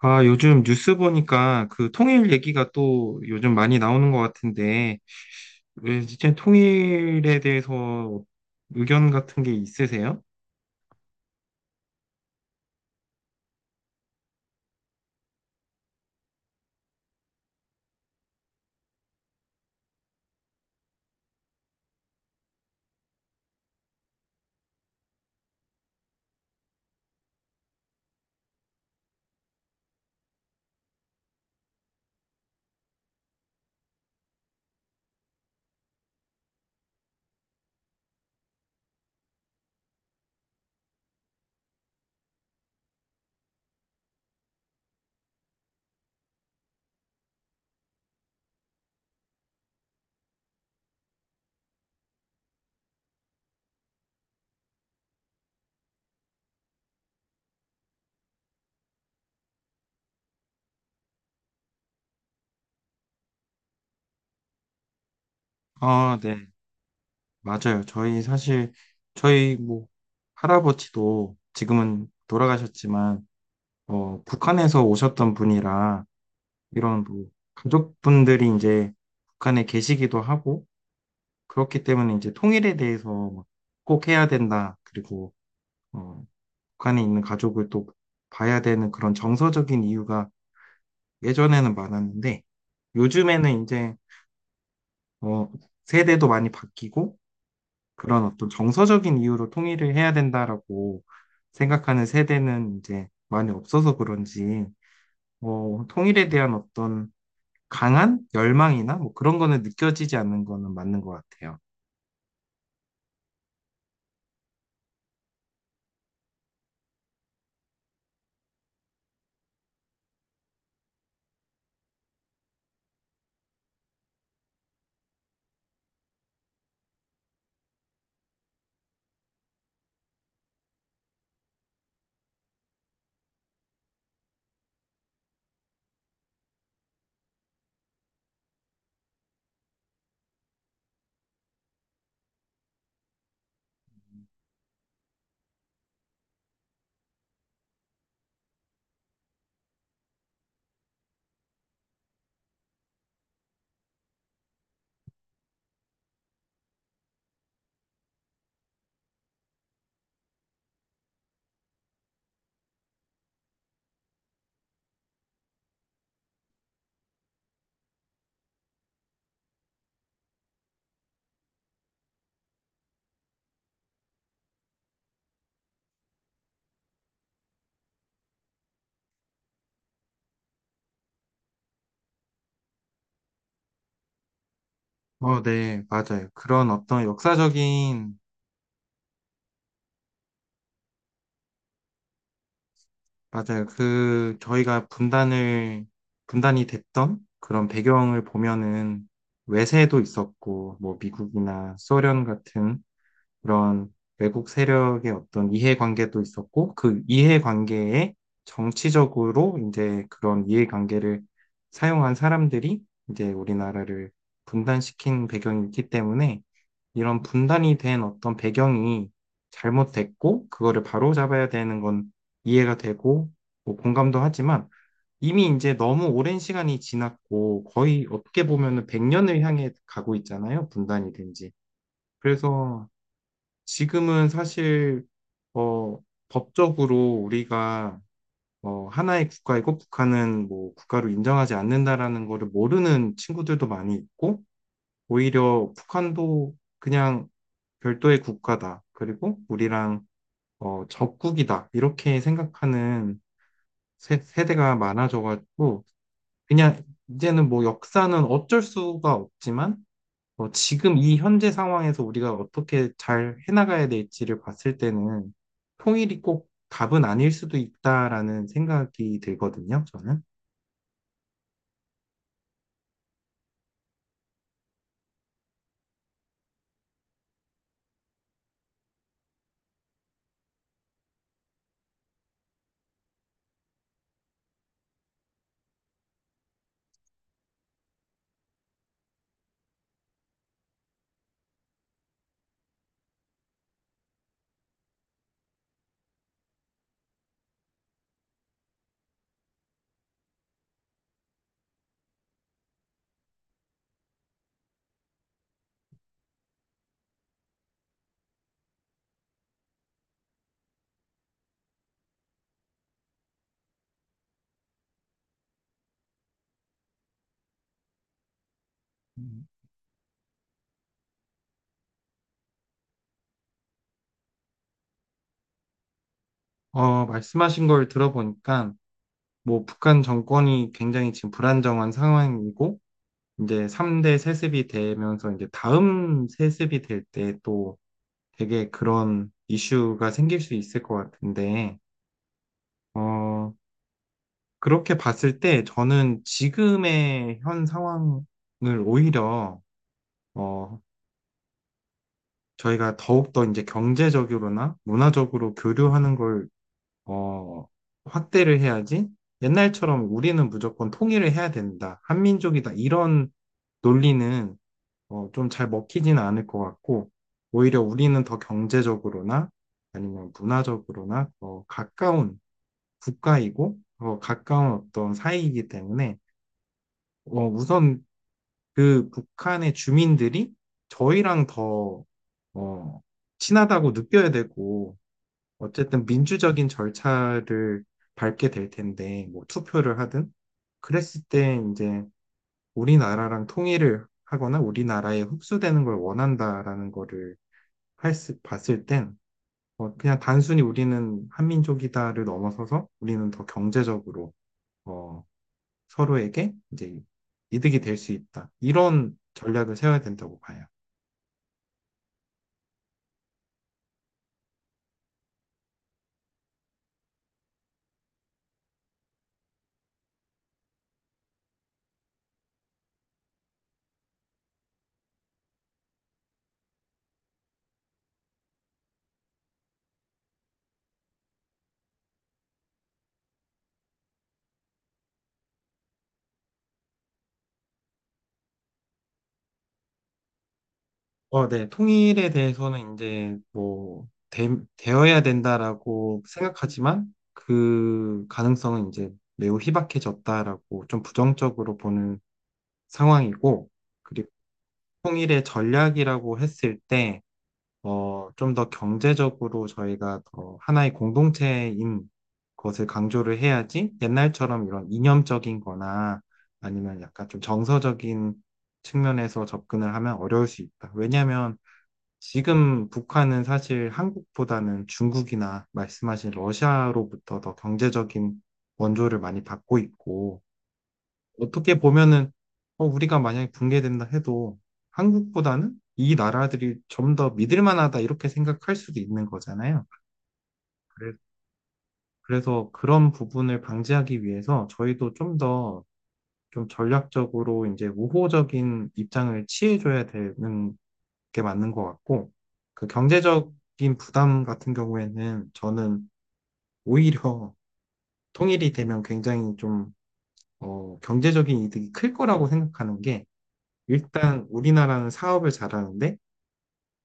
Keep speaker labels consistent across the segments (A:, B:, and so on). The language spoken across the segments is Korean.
A: 아, 요즘 뉴스 보니까 그 통일 얘기가 또 요즘 많이 나오는 것 같은데, 왜 진짜 통일에 대해서 의견 같은 게 있으세요? 아, 네. 맞아요. 저희 사실, 저희 뭐, 할아버지도 지금은 돌아가셨지만, 북한에서 오셨던 분이라, 이런 뭐, 가족분들이 이제 북한에 계시기도 하고, 그렇기 때문에 이제 통일에 대해서 막꼭 해야 된다. 그리고, 어, 북한에 있는 가족을 또 봐야 되는 그런 정서적인 이유가 예전에는 많았는데 요즘에는 이제 어, 세대도 많이 바뀌고 그런 어떤 정서적인 이유로 통일을 해야 된다라고 생각하는 세대는 이제 많이 없어서 그런지 통일에 대한 어떤 강한 열망이나 뭐 그런 거는 느껴지지 않는 거는 맞는 것 같아요. 네, 맞아요. 그런 어떤 역사적인 맞아요. 그, 저희가 분단을, 분단이 됐던 그런 배경을 보면은 외세도 있었고, 뭐 미국이나 소련 같은 그런 외국 세력의 어떤 이해관계도 있었고, 그 이해관계에 정치적으로 이제 그런 이해관계를 사용한 사람들이 이제 우리나라를 분단시킨 배경이 있기 때문에 이런 분단이 된 어떤 배경이 잘못됐고, 그거를 바로잡아야 되는 건 이해가 되고, 뭐 공감도 하지만 이미 이제 너무 오랜 시간이 지났고, 거의 어떻게 보면은 100년을 향해 가고 있잖아요, 분단이 된 지. 그래서 지금은 사실 어, 법적으로 우리가 하나의 국가이고 북한은 뭐 국가로 인정하지 않는다라는 거를 모르는 친구들도 많이 있고 오히려 북한도 그냥 별도의 국가다. 그리고 우리랑 적국이다. 이렇게 생각하는 세대가 많아져가지고 그냥 이제는 뭐 역사는 어쩔 수가 없지만 지금 이 현재 상황에서 우리가 어떻게 잘 해나가야 될지를 봤을 때는 통일이 꼭 답은 아닐 수도 있다라는 생각이 들거든요, 저는. 음, 말씀하신 걸 들어보니까 뭐 북한 정권이 굉장히 지금 불안정한 상황이고 이제 3대 세습이 되면서 이제 다음 세습이 될 때 또 되게 그런 이슈가 생길 수 있을 것 같은데 어, 그렇게 봤을 때 저는 지금의 현 상황을 오히려 어, 저희가 더욱더 이제 경제적으로나 문화적으로 교류하는 걸 어, 확대를 해야지 옛날처럼 우리는 무조건 통일을 해야 된다. 한민족이다. 이런 논리는 좀잘 먹히지는 않을 것 같고 오히려 우리는 더 경제적으로나 아니면 문화적으로나 더 가까운 국가이고 더 가까운 어떤 사이이기 때문에 우선 그 북한의 주민들이 저희랑 더, 어, 친하다고 느껴야 되고, 어쨌든 민주적인 절차를 밟게 될 텐데, 뭐 투표를 하든, 그랬을 때 이제 우리나라랑 통일을 하거나 우리나라에 흡수되는 걸 원한다라는 거를 할 수- 봤을 땐, 그냥 단순히 우리는 한민족이다를 넘어서서 우리는 더 경제적으로, 어, 서로에게 이제 이득이 될 수 있다. 이런 전략을 세워야 된다고 봐요. 네. 통일에 대해서는 이제 뭐 되어야 된다라고 생각하지만 그 가능성은 이제 매우 희박해졌다라고 좀 부정적으로 보는 상황이고 그리고 통일의 전략이라고 했을 때 좀 더 경제적으로 저희가 더 하나의 공동체인 것을 강조를 해야지 옛날처럼 이런 이념적인 거나 아니면 약간 좀 정서적인 측면에서 접근을 하면 어려울 수 있다. 왜냐하면 지금 북한은 사실 한국보다는 중국이나 말씀하신 러시아로부터 더 경제적인 원조를 많이 받고 있고, 어떻게 보면은, 우리가 만약에 붕괴된다 해도 한국보다는 이 나라들이 좀 더 믿을 만하다 이렇게 생각할 수도 있는 거잖아요. 그래- 그래서 그런 부분을 방지하기 위해서 저희도 좀 더 좀 전략적으로 이제 우호적인 입장을 취해줘야 되는 게 맞는 것 같고, 그 경제적인 부담 같은 경우에는 저는 오히려 통일이 되면 굉장히 좀, 경제적인 이득이 클 거라고 생각하는 게, 일단 우리나라는 사업을 잘하는데,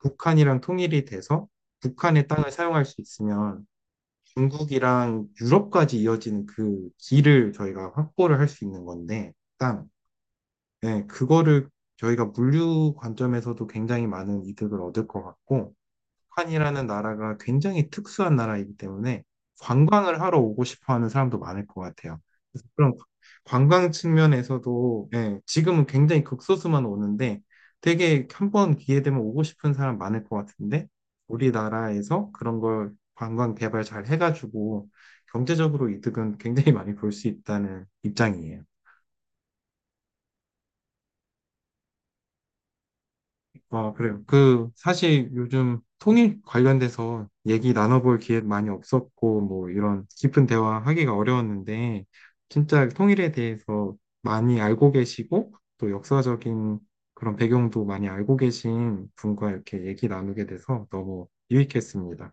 A: 북한이랑 통일이 돼서 북한의 땅을 사용할 수 있으면 중국이랑 유럽까지 이어지는 그 길을 저희가 확보를 할 수 있는 건데, 땅. 예, 그거를 저희가 물류 관점에서도 굉장히 많은 이득을 얻을 것 같고, 북한이라는 나라가 굉장히 특수한 나라이기 때문에 관광을 하러 오고 싶어 하는 사람도 많을 것 같아요. 그래서 그런 관광 측면에서도 예, 지금은 굉장히 극소수만 오는데 되게 한 번 기회 되면 오고 싶은 사람 많을 것 같은데 우리나라에서 그런 걸 관광 개발 잘 해가지고 경제적으로 이득은 굉장히 많이 볼 수 있다는 입장이에요. 아, 그래요. 그, 사실 요즘 통일 관련돼서 얘기 나눠볼 기회 많이 없었고, 뭐, 이런 깊은 대화 하기가 어려웠는데, 진짜 통일에 대해서 많이 알고 계시고, 또 역사적인 그런 배경도 많이 알고 계신 분과 이렇게 얘기 나누게 돼서 너무 유익했습니다.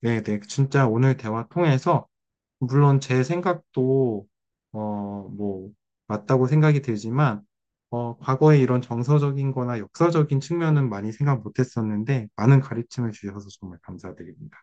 A: 네, 네. 진짜 오늘 대화 통해서 물론 제 생각도 뭐 맞다고 생각이 들지만 과거에 이런 정서적인 거나 역사적인 측면은 많이 생각 못 했었는데 많은 가르침을 주셔서 정말 감사드립니다.